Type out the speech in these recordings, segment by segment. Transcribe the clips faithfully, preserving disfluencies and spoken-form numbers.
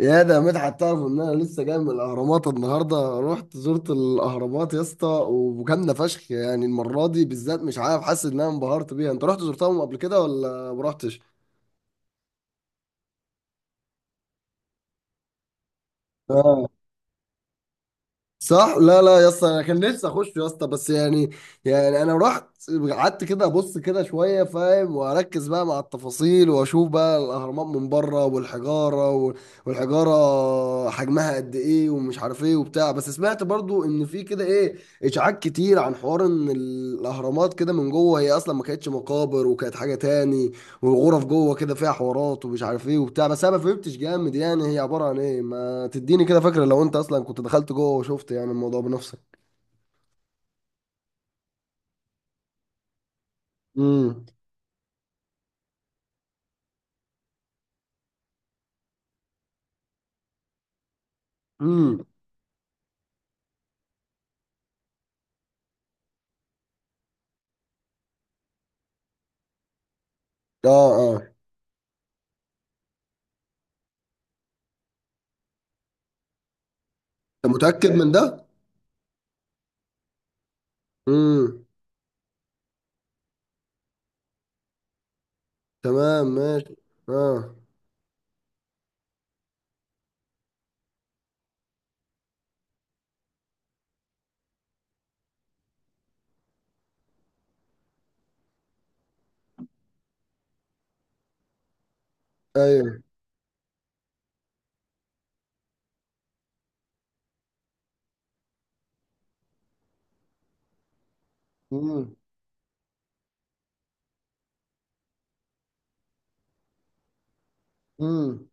يا ده مدحت، تعرف ان انا لسه جاي من الاهرامات النهارده. رحت زرت الاهرامات يا اسطى، وجامده فشخ. يعني المره دي بالذات مش عارف، حاسس ان انا انبهرت بيها. انت رحت زرتهم قبل كده ولا ما رحتش؟ صح. لا لا يا اسطى، انا كان نفسي اخش يا اسطى، بس يعني يعني انا رحت، قعدت كده ابص كده شويه، فاهم، واركز بقى مع التفاصيل، واشوف بقى الاهرامات من بره والحجاره وال- والحجاره حجمها قد ايه ومش عارف ايه وبتاع. بس سمعت برضو ان في كده ايه، اشاعات كتير، عن حوار ان الاهرامات كده من جوه هي اصلا ما كانتش مقابر، وكانت حاجه تاني. والغرف جوه كده فيها حوارات ومش عارف ايه وبتاع، بس انا ما فهمتش جامد يعني هي عباره عن ايه. تديني كده فكرة لو انت اصلا كنت دخلت جوه وشفت يعني الموضوع بنفسك. امم. امم. اه اه. انت متأكد من ده؟ امم. تمام، ماشي. اه. ايوه. امم. امم.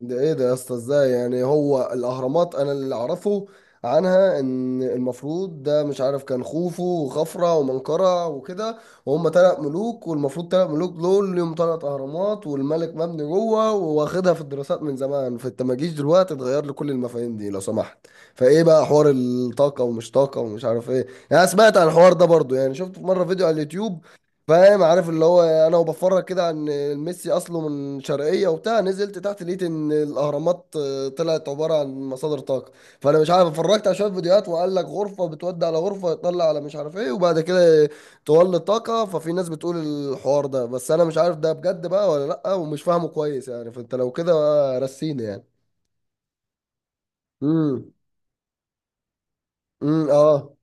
ده ايه ده يا اسطى؟ ازاي يعني؟ هو الاهرامات انا اللي اعرفه عنها ان المفروض، ده مش عارف، كان خوفو وخفرع ومنقرع وكده. وهم تلات ملوك، والمفروض تلات ملوك دول ليهم تلات اهرامات، والملك مبني جوه، واخدها في الدراسات من زمان، فانت ما جيش دلوقتي تغير لي كل المفاهيم دي لو سمحت. فايه بقى حوار الطاقه ومش طاقه ومش عارف ايه يعني؟ أنا سمعت عن الحوار ده برضو، يعني شفت في مره فيديو على اليوتيوب، فاهم، عارف اللي هو انا وبفرج كده عن ميسي، اصله من شرقيه وبتاع، نزلت تحت لقيت ان الاهرامات آه، طلعت عباره عن مصادر طاقه. فانا مش عارف، اتفرجت على شويه فيديوهات وقال لك غرفه بتودي على غرفه، يطلع على مش عارف ايه، وبعد كده تولد طاقه. ففي ناس بتقول الحوار ده، بس انا مش عارف ده بجد بقى ولا لا، ومش فاهمه كويس يعني، فانت لو كده بقى رسيني يعني. امم. امم. اه.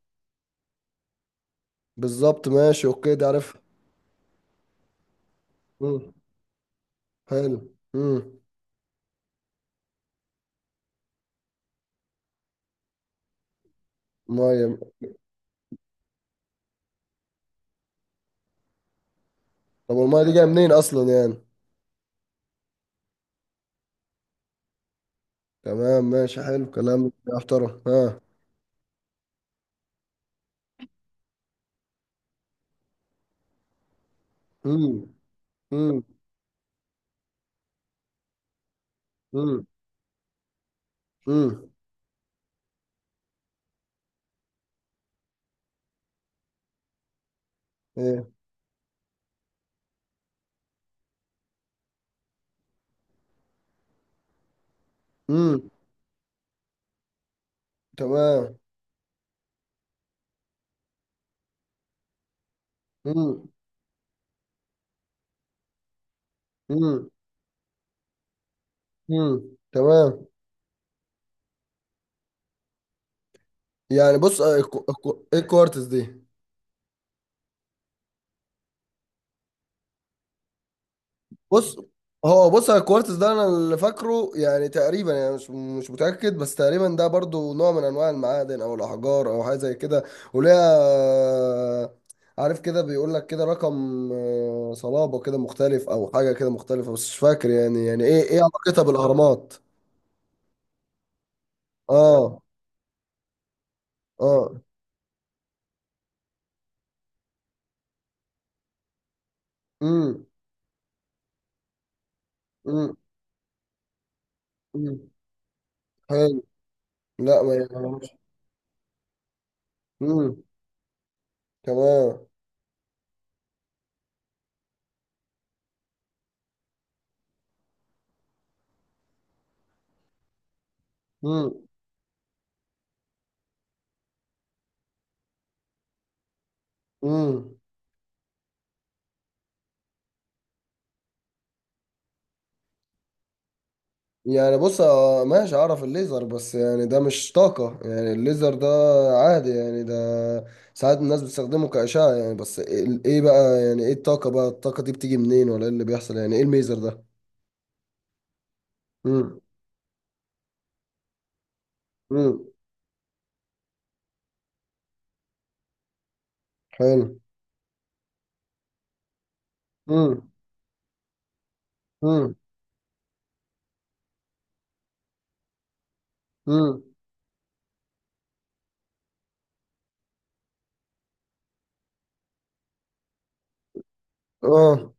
بالظبط، ماشي اوكي، ده عارف. امم. حلو. امم. ميه. طب والميه دي جايه منين اصلا يعني؟ تمام، ماشي، حلو كلام يا محترم. ها. امم. امم. امم. امم. ايه. امم. تمام. امم. امم. امم. تمام. يعني بص، آه، الكو- الكو- ايه الكوارتز دي؟ بص، هو بص، على الكوارتز ده انا اللي فاكره يعني تقريبا، يعني مش مش متاكد، بس تقريبا ده برضو نوع من انواع المعادن او الاحجار او حاجه زي كده. وليها، عارف كده، بيقول لك كده رقم، آه، صلابه كده مختلف او حاجه كده مختلفه، بس مش فاكر يعني يعني ايه ايه علاقتها بالاهرامات. اه. اه. امم. امم. امم. حلو. لا ما يعرفش. امم. تمام. امم. امم. يعني بص، آه، ماشي، اعرف الليزر، بس يعني ده مش طاقة يعني الليزر ده، عادي يعني ده ساعات الناس بتستخدمه كأشعة يعني. بس ال- ايه بقى يعني ايه الطاقة؟ بقى الطاقة دي بتيجي منين، ولا ايه اللي بيحصل يعني؟ ايه الميزر ده؟ امم. امم. حلو. امم. امم. امم. اه.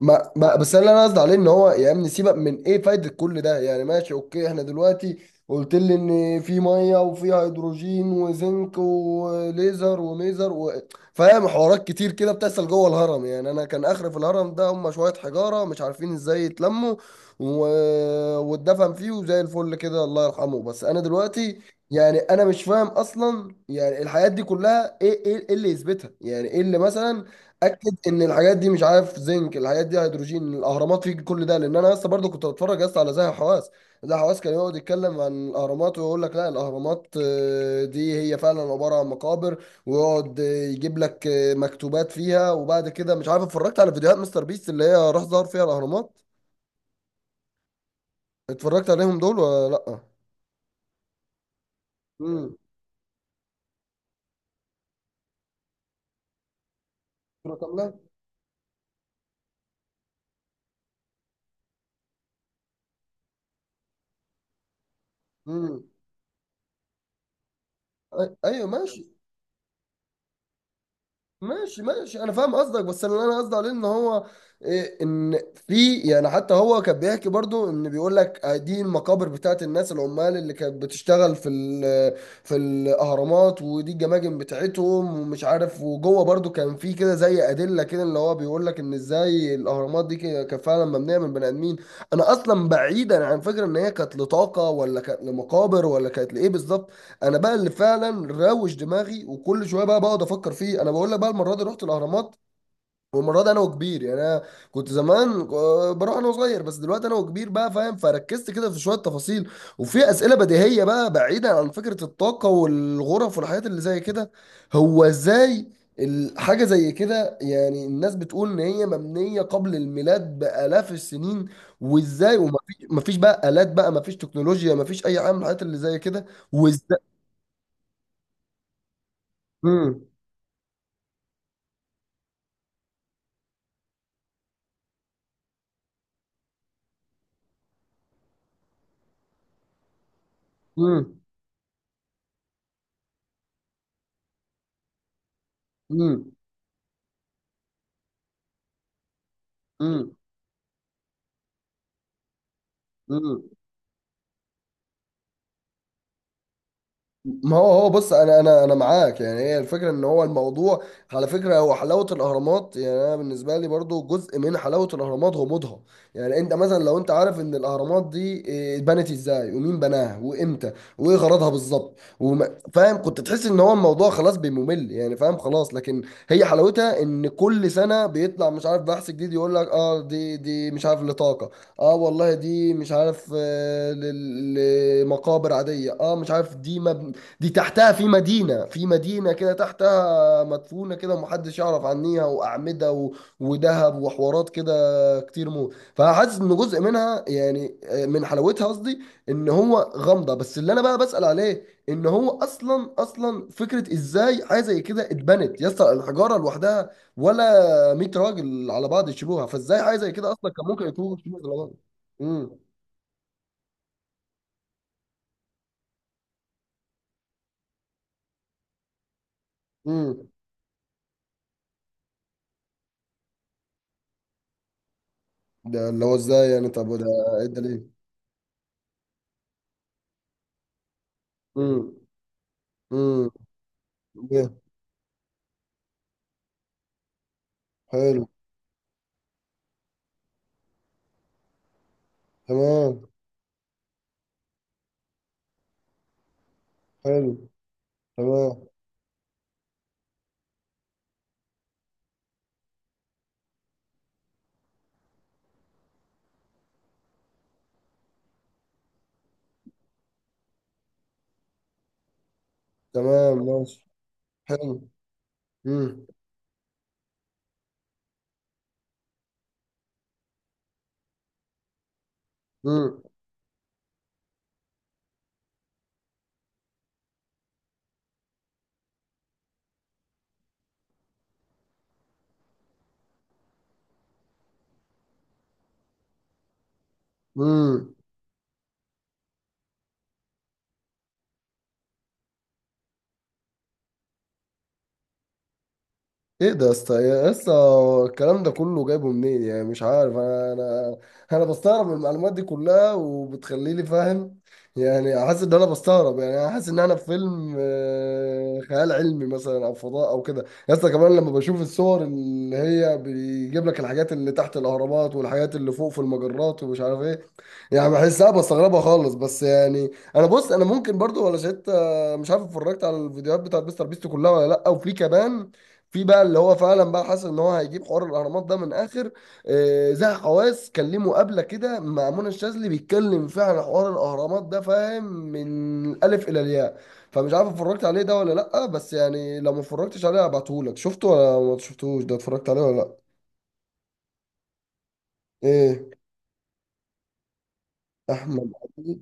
ما ما بس اللي انا قصدي عليه ان هو، يا ابني سيبك من ايه فايده كل ده يعني، ماشي اوكي. احنا دلوقتي قلت لي ان في ميه وفي هيدروجين وزنك وليزر وميزر و... فاهم، حوارات كتير كده بتحصل جوه الهرم. يعني انا كان اخر في الهرم ده، هم شويه حجاره مش عارفين ازاي يتلموا، و... واتدفن فيه وزي الفل كده، الله يرحمه. بس انا دلوقتي يعني انا مش فاهم اصلا يعني الحاجات دي كلها ايه، ايه إيه اللي يثبتها يعني، ايه اللي مثلا اكد ان الحاجات دي، مش عارف زنك الحاجات دي هيدروجين، الاهرامات فيه كل ده؟ لان انا لسه برضه كنت بتفرج لسه على زاهي حواس. زاهي حواس كان يقعد يتكلم عن الاهرامات ويقول لك لا الاهرامات آه، دي هي فعلا عباره عن مقابر، ويقعد آه، يجيب لك آه، مكتوبات فيها. وبعد كده مش عارف، اتفرجت على فيديوهات مستر بيست اللي هي راح ظهر فيها الاهرامات. اتفرجت عليهم دول ولا لا؟ امم. كامله. امم. ايوه ماشي. ماشي ماشي، انا فاهم قصدك. بس اللي انا قصدي عليه ان هو، إيه، ان في، يعني حتى هو كان بيحكي برضو، ان بيقول لك آه، دي المقابر بتاعت الناس العمال اللي كانت بتشتغل في ال- في الاهرامات، ودي الجماجم بتاعتهم ومش عارف، وجوه برضو كان في كده زي ادله كده اللي هو بيقول لك ان ازاي الاهرامات دي كده كانت فعلا مبنيه من بني ادمين. انا اصلا بعيدا عن فكره ان هي كانت لطاقه ولا كانت لمقابر ولا كانت لايه بالظبط. انا بقى اللي فعلا روش دماغي وكل شويه بقى بقعد افكر فيه، انا بقول لك بقى، المره دي رحت الاهرامات، والمره دي انا وكبير. يعني انا كنت زمان آه، بروح انا وصغير، بس دلوقتي انا وكبير بقى فاهم، فركزت كده في شويه تفاصيل، وفي اسئله بديهيه بقى بعيدا عن فكره الطاقه والغرف والحاجات اللي زي كده. هو ازاي الحاجه زي كده يعني، الناس بتقول ان هي مبنيه قبل الميلاد بالاف السنين، وازاي؟ ومفيش مفيش بقى الات، بقى مفيش تكنولوجيا، مفيش اي حاجه من الحاجات اللي زي كده. مم. مم. مم. مم. مم. ما هو، هو بص، انا انا انا معاك، يعني هي الفكره ان هو الموضوع، على فكره، هو حلاوه الاهرامات، يعني انا بالنسبه لي برضو جزء من حلاوه الاهرامات غموضها. يعني انت مثلا لو انت عارف ان الاهرامات دي إيه، اتبنت ازاي ومين بناها وامتى وايه غرضها بالظبط وما- فاهم، كنت تحس ان هو الموضوع خلاص بيممل يعني، فاهم خلاص. لكن هي حلاوتها ان كل سنه بيطلع مش عارف بحث جديد يقول لك اه، دي دي مش عارف لطاقه، اه والله دي مش عارف آه، لل- لمقابر عاديه، اه مش عارف دي مبنى، دي تحتها في مدينة، في مدينة كده تحتها مدفونة كده ومحدش يعرف عنيها، وأعمدة و... وذهب وحوارات كده كتير موت. فحاسس إن جزء منها يعني آه، من حلاوتها قصدي إن هو غامضة. بس اللي أنا بقى بسأل عليه إن هو أصلا، أصلا فكرة إزاي حاجة زي كده اتبنت يا اسطى؟ الحجارة لوحدها، ولا مية راجل على بعض يشيلوها؟ فإزاي حاجة زي كده أصلا كان ممكن يكون يشيلوها على بعض؟ امم. امم. ده اللي هو إزاي يعني؟ طب ده إيه الدليل؟ امم. جه. حلو. تمام. حلو. تمام. تمام ماشي. حلو. مم. مم. مم. ايه ده يا اسطى؟ يا اسطى، الكلام ده كله جايبه منين يعني؟ مش عارف، انا انا انا بستغرب من المعلومات دي كلها، وبتخليني فاهم، يعني حاسس ان انا بستغرب. يعني انا حاسس ان انا في فيلم آه، خيال علمي مثلا، او فضاء او كده يا اسطى، كمان لما بشوف الصور اللي هي بيجيب لك الحاجات اللي تحت الاهرامات والحاجات اللي فوق في المجرات ومش عارف ايه، يعني بحسها بستغربها خالص. بس يعني، انا بص، انا ممكن برضو ولا شفت، مش عارف اتفرجت على الفيديوهات بتاعت مستر بيست كلها ولا لا. وفي كمان، في بقى اللي هو فعلا بقى حاسس ان هو هيجيب حوار الاهرامات ده من اخر، آه، زها حواس كان ليه مقابله كده مع منى الشاذلي بيتكلم فيها على حوار الاهرامات ده فاهم، من الالف الى الياء. فمش عارف اتفرجت عليه ده ولا لا، بس يعني لو ما اتفرجتش عليه هبعتهولك. شفته ولا ما شفتوش؟ ده اتفرجت عليه ولا لا؟ ايه؟ احمد عيد؟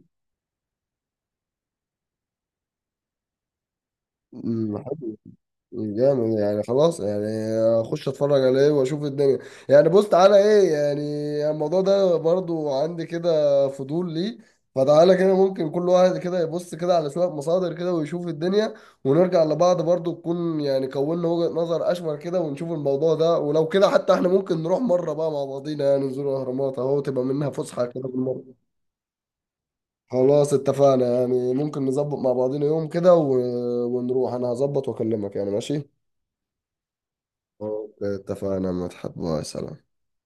مم، حلو. جامد يعني، خلاص يعني اخش اتفرج عليه واشوف الدنيا. يعني بص، تعالى ايه يعني، الموضوع ده برضو عندي كده فضول ليه. فتعالى كده ممكن كل واحد كده يبص كده على شوية مصادر كده ويشوف الدنيا، ونرجع لبعض برضو تكون يعني كوننا وجهة نظر اشمل كده، ونشوف الموضوع ده. ولو كده حتى احنا ممكن نروح مرة بقى مع بعضينا، يعني نزور الاهرامات اهو، تبقى منها فسحة كده بالمرة. خلاص اتفقنا. يعني ممكن نظبط مع بعضينا يوم كده و... ونروح. انا هظبط واكلمك يعني، ماشي. اوكي اتفقنا، ما تحب، باي، سلام.